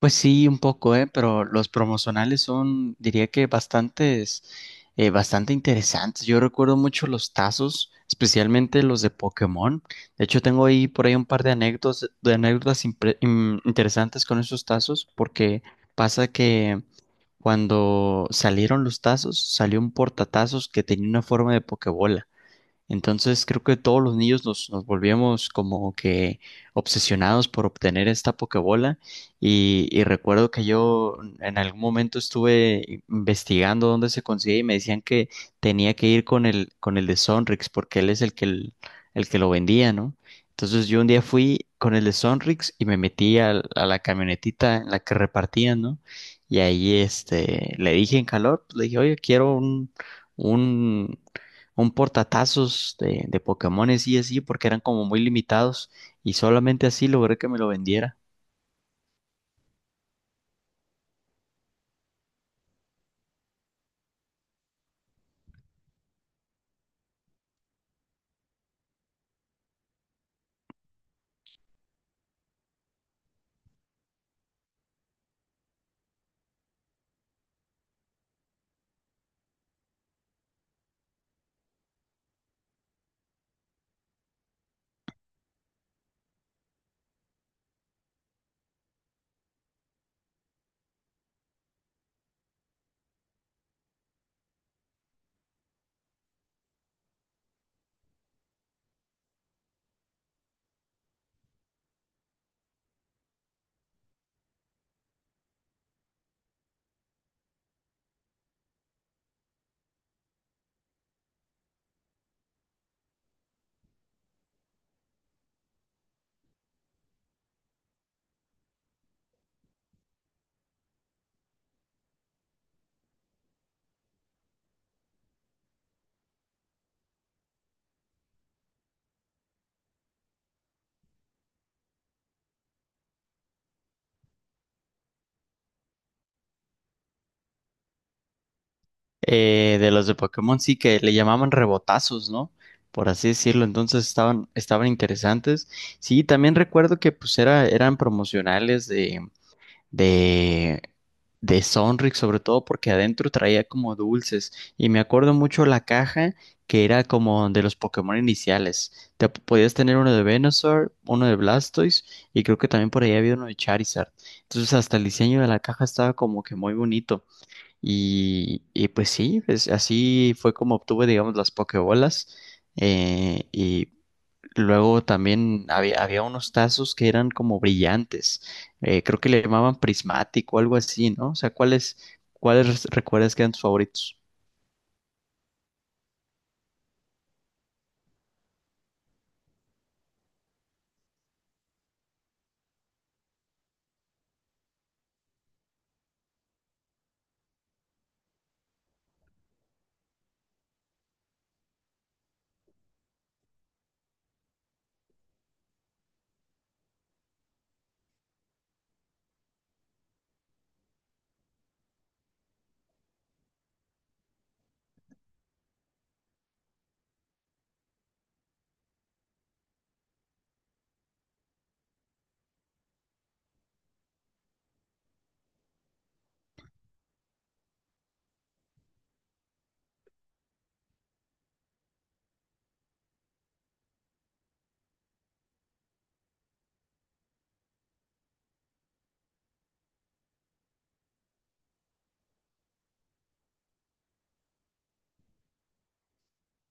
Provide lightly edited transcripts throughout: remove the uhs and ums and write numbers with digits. Pues sí, un poco, ¿eh? Pero los promocionales son, diría que bastantes, bastante interesantes. Yo recuerdo mucho los tazos, especialmente los de Pokémon. De hecho, tengo ahí por ahí un par de anécdotas, de anécdotas interesantes con esos tazos, porque pasa que cuando salieron los tazos, salió un portatazos que tenía una forma de Pokébola. Entonces creo que todos los niños nos volvíamos como que obsesionados por obtener esta Pokébola y recuerdo que yo en algún momento estuve investigando dónde se consigue y me decían que tenía que ir con con el de Sonrix porque él es el que lo vendía, ¿no? Entonces yo un día fui con el de Sonrix y me metí a la camionetita en la que repartían, ¿no? Y ahí este, le dije en calor, le dije, oye, quiero un un portatazos de Pokémones y así, porque eran como muy limitados y solamente así logré que me lo vendiera. De los de Pokémon sí que le llamaban rebotazos, ¿no? Por así decirlo, entonces estaban, estaban interesantes. Sí, también recuerdo que pues era, eran promocionales de, de Sonrix, sobre todo porque adentro traía como dulces. Y me acuerdo mucho la caja que era como de los Pokémon iniciales. Podías tener uno de Venusaur, uno de Blastoise y creo que también por ahí había uno de Charizard. Entonces hasta el diseño de la caja estaba como que muy bonito. Y pues sí, pues así fue como obtuve, digamos, las Pokébolas. Eh, y Luego también había unos tazos que eran como brillantes. Creo que le llamaban prismático o algo así, ¿no? O sea, ¿cuáles recuerdas que eran tus favoritos?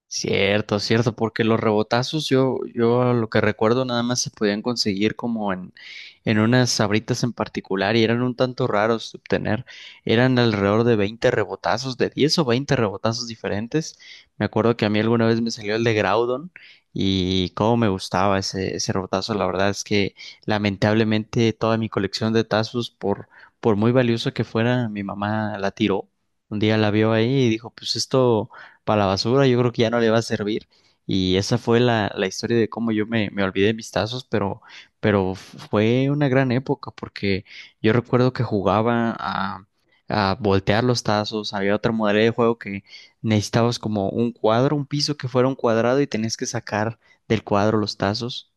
Cierto, cierto, porque los rebotazos yo lo que recuerdo nada más se podían conseguir como en unas sabritas en particular y eran un tanto raros de obtener. Eran alrededor de 20 rebotazos, de 10 o 20 rebotazos diferentes. Me acuerdo que a mí alguna vez me salió el de Groudon y cómo me gustaba ese, ese rebotazo. La verdad es que lamentablemente toda mi colección de tazos, por muy valioso que fuera, mi mamá la tiró. Un día la vio ahí y dijo, pues esto para la basura, yo creo que ya no le va a servir. Y esa fue la historia de cómo yo me olvidé de mis tazos, pero fue una gran época porque yo recuerdo que jugaba a voltear los tazos, había otra modalidad de juego que necesitabas como un cuadro, un piso que fuera un cuadrado y tenías que sacar del cuadro los tazos.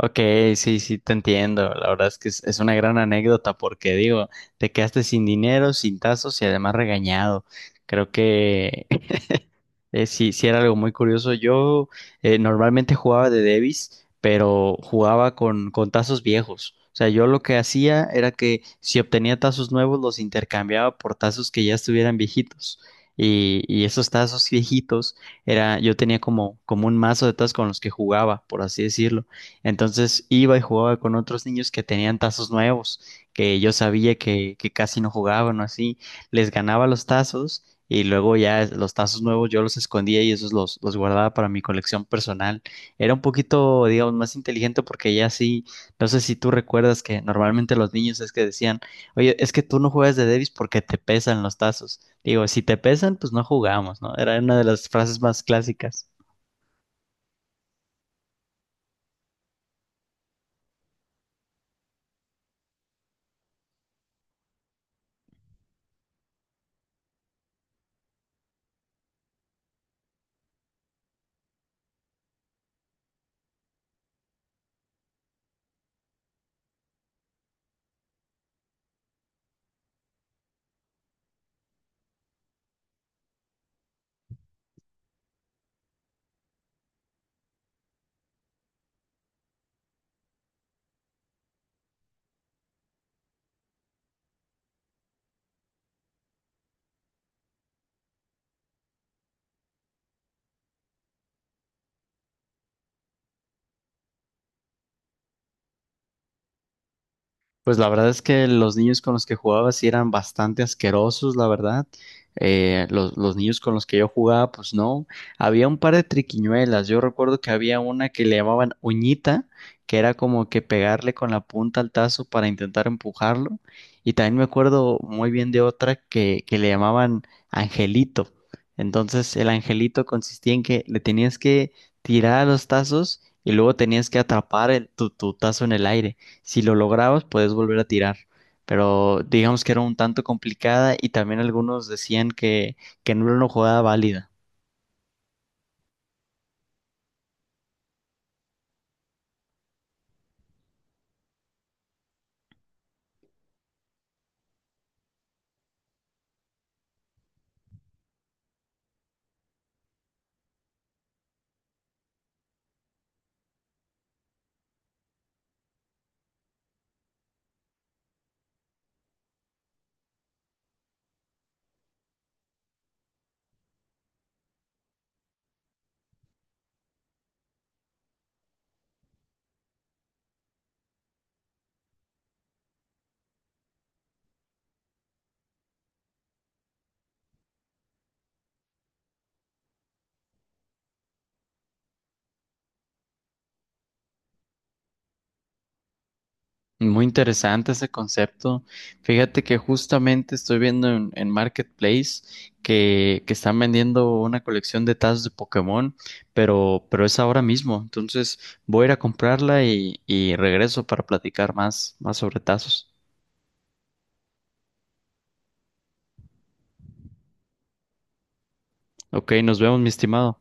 Ok, sí, sí, te entiendo. La verdad es que es una gran anécdota porque digo, te quedaste sin dinero, sin tazos y además regañado. Creo que Sí, sí era algo muy curioso. Yo Normalmente jugaba de Davis, pero jugaba con tazos viejos. O sea, yo lo que hacía era que si obtenía tazos nuevos, los intercambiaba por tazos que ya estuvieran viejitos. Y esos tazos viejitos era, yo tenía como, como un mazo de tazos con los que jugaba, por así decirlo. Entonces iba y jugaba con otros niños que tenían tazos nuevos, que yo sabía que casi no jugaban o así. Les ganaba los tazos y luego los tazos nuevos yo los escondía y esos los guardaba para mi colección personal. Era un poquito, digamos, más inteligente porque ya sí, no sé si tú recuerdas que normalmente los niños es que decían, oye, es que tú no juegas de Davis porque te pesan los tazos. Digo, si te pesan, pues no jugamos, ¿no? Era una de las frases más clásicas. Pues la verdad es que los niños con los que jugaba sí eran bastante asquerosos, la verdad. Los niños con los que yo jugaba, pues no. Había un par de triquiñuelas. Yo recuerdo que había una que le llamaban uñita, que era como que pegarle con la punta al tazo para intentar empujarlo. Y también me acuerdo muy bien de otra que le llamaban angelito. Entonces el angelito consistía en que le tenías que tirar a los tazos y luego tenías que atrapar tu tazo en el aire. Si lo lograbas, puedes volver a tirar. Pero digamos que era un tanto complicada y también algunos decían que no era una jugada válida. Muy interesante ese concepto. Fíjate que justamente estoy viendo en Marketplace que están vendiendo una colección de tazas de Pokémon, pero es ahora mismo. Entonces voy a ir a comprarla y regreso para platicar más, más sobre tazos. Ok, nos vemos, mi estimado.